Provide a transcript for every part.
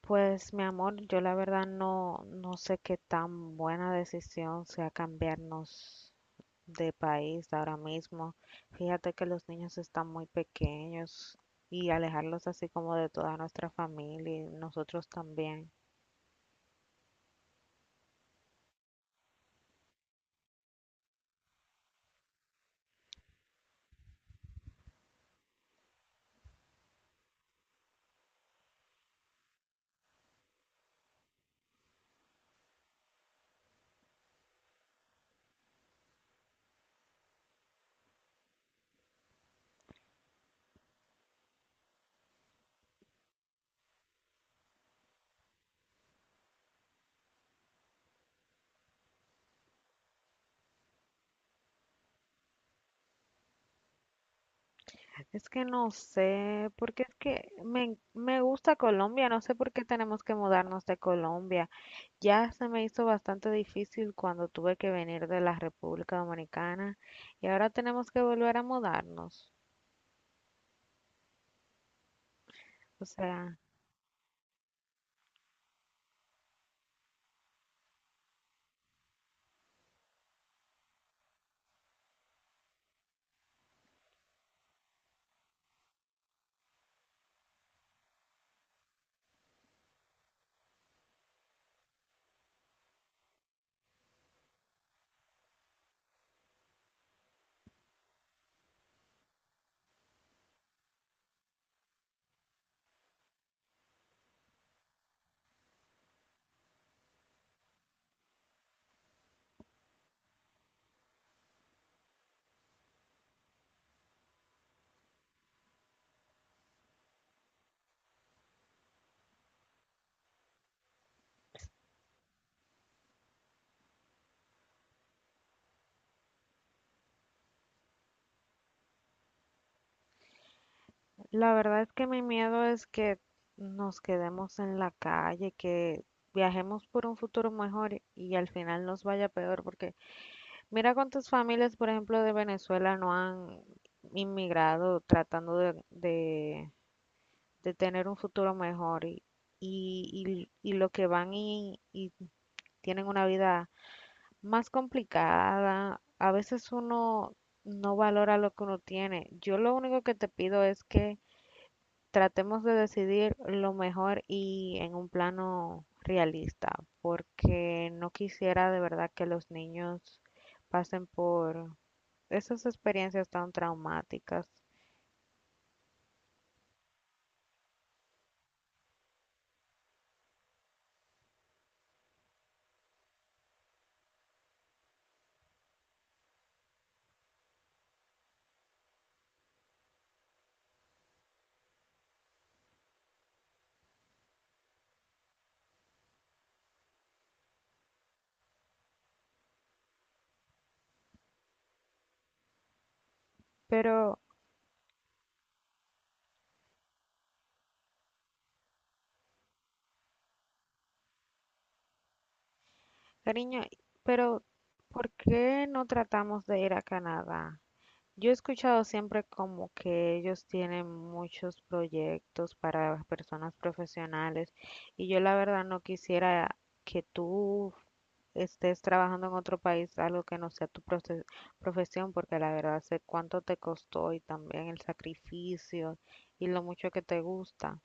Pues, mi amor, yo la verdad no sé qué tan buena decisión sea cambiarnos de país ahora mismo. Fíjate que los niños están muy pequeños y alejarlos así como de toda nuestra familia y nosotros también. Es que no sé, porque es que me gusta Colombia, no sé por qué tenemos que mudarnos de Colombia. Ya se me hizo bastante difícil cuando tuve que venir de la República Dominicana y ahora tenemos que volver a mudarnos. O sea, la verdad es que mi miedo es que nos quedemos en la calle, que viajemos por un futuro mejor y al final nos vaya peor, porque mira cuántas familias, por ejemplo, de Venezuela no han inmigrado tratando de tener un futuro mejor y lo que van y tienen una vida más complicada. A veces uno no valora lo que uno tiene. Yo lo único que te pido es que tratemos de decidir lo mejor y en un plano realista, porque no quisiera de verdad que los niños pasen por esas experiencias tan traumáticas. Pero, cariño, pero ¿por qué no tratamos de ir a Canadá? Yo he escuchado siempre como que ellos tienen muchos proyectos para personas profesionales y yo la verdad no quisiera que tú estés trabajando en otro país, algo que no sea tu profesión, porque la verdad sé cuánto te costó y también el sacrificio y lo mucho que te gusta.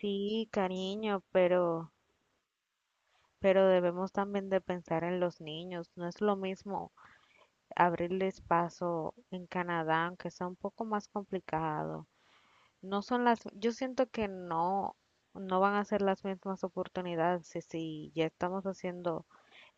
Sí, cariño, pero debemos también de pensar en los niños. No es lo mismo abrirles paso en Canadá, aunque sea un poco más complicado. No son las, yo siento que no, no van a ser las mismas oportunidades si ya estamos haciendo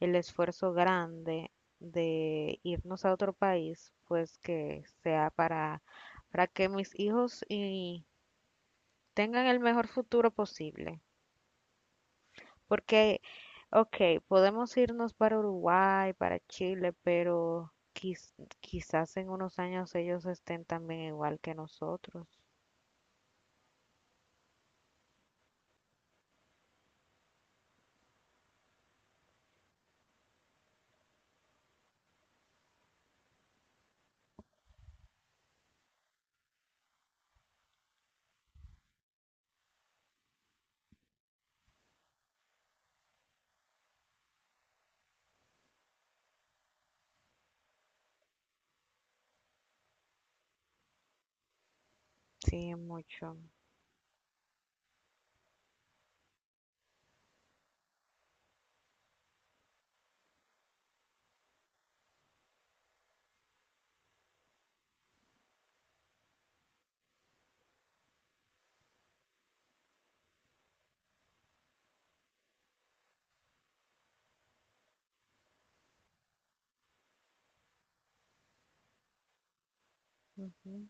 el esfuerzo grande de irnos a otro país, pues que sea para que mis hijos y tengan el mejor futuro posible. Porque, ok, podemos irnos para Uruguay, para Chile, pero quizás en unos años ellos estén también igual que nosotros. Sí, mucho. Ujú.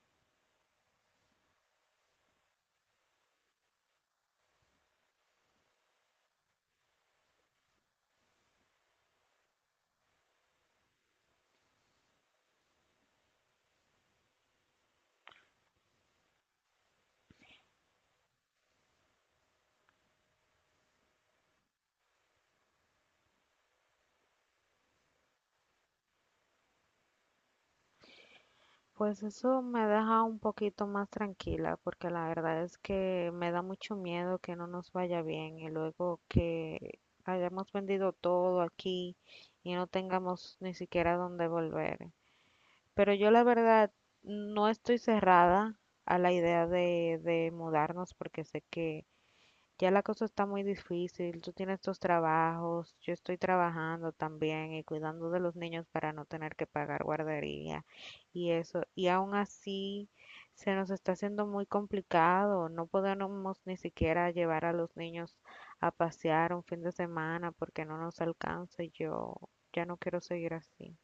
Pues eso me deja un poquito más tranquila, porque la verdad es que me da mucho miedo que no nos vaya bien y luego que hayamos vendido todo aquí y no tengamos ni siquiera dónde volver. Pero yo la verdad no estoy cerrada a la idea de mudarnos porque sé que ya la cosa está muy difícil. Tú tienes tus trabajos, yo estoy trabajando también y cuidando de los niños para no tener que pagar guardería y eso. Y aún así se nos está haciendo muy complicado. No podemos ni siquiera llevar a los niños a pasear un fin de semana porque no nos alcanza. Y yo ya no quiero seguir así.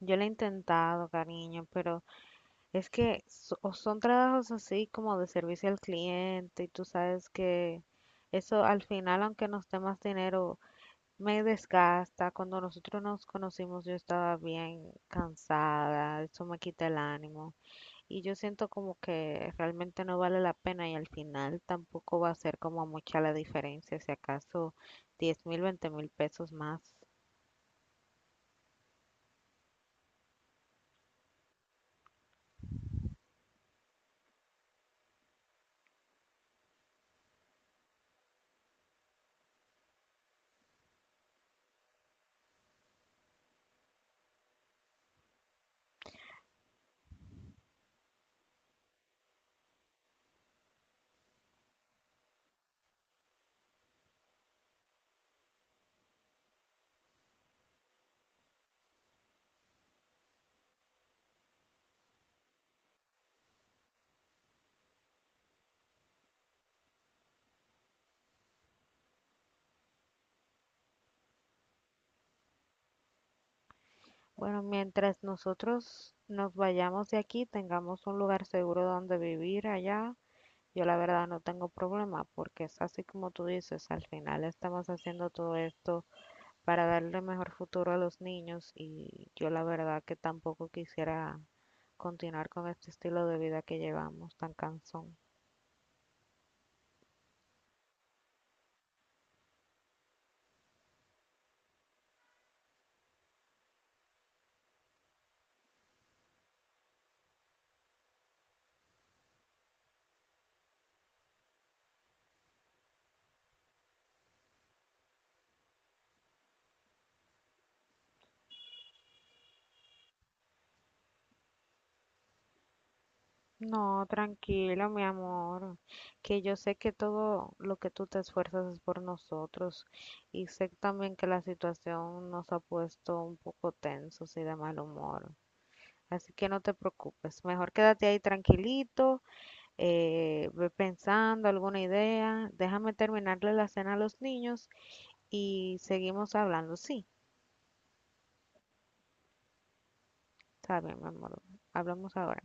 Yo lo he intentado, cariño, pero es que o son trabajos así como de servicio al cliente y tú sabes que eso al final, aunque nos dé más dinero, me desgasta. Cuando nosotros nos conocimos yo estaba bien cansada, eso me quita el ánimo y yo siento como que realmente no vale la pena y al final tampoco va a ser como mucha la diferencia, si acaso 10.000, 20.000 pesos más. Bueno, mientras nosotros nos vayamos de aquí, tengamos un lugar seguro donde vivir allá, yo la verdad no tengo problema porque es así como tú dices, al final estamos haciendo todo esto para darle mejor futuro a los niños y yo la verdad que tampoco quisiera continuar con este estilo de vida que llevamos tan cansón. No, tranquilo, mi amor, que yo sé que todo lo que tú te esfuerzas es por nosotros y sé también que la situación nos ha puesto un poco tensos y de mal humor. Así que no te preocupes, mejor quédate ahí tranquilito, ve pensando alguna idea, déjame terminarle la cena a los niños y seguimos hablando. Sí, está bien, mi amor, hablamos ahora.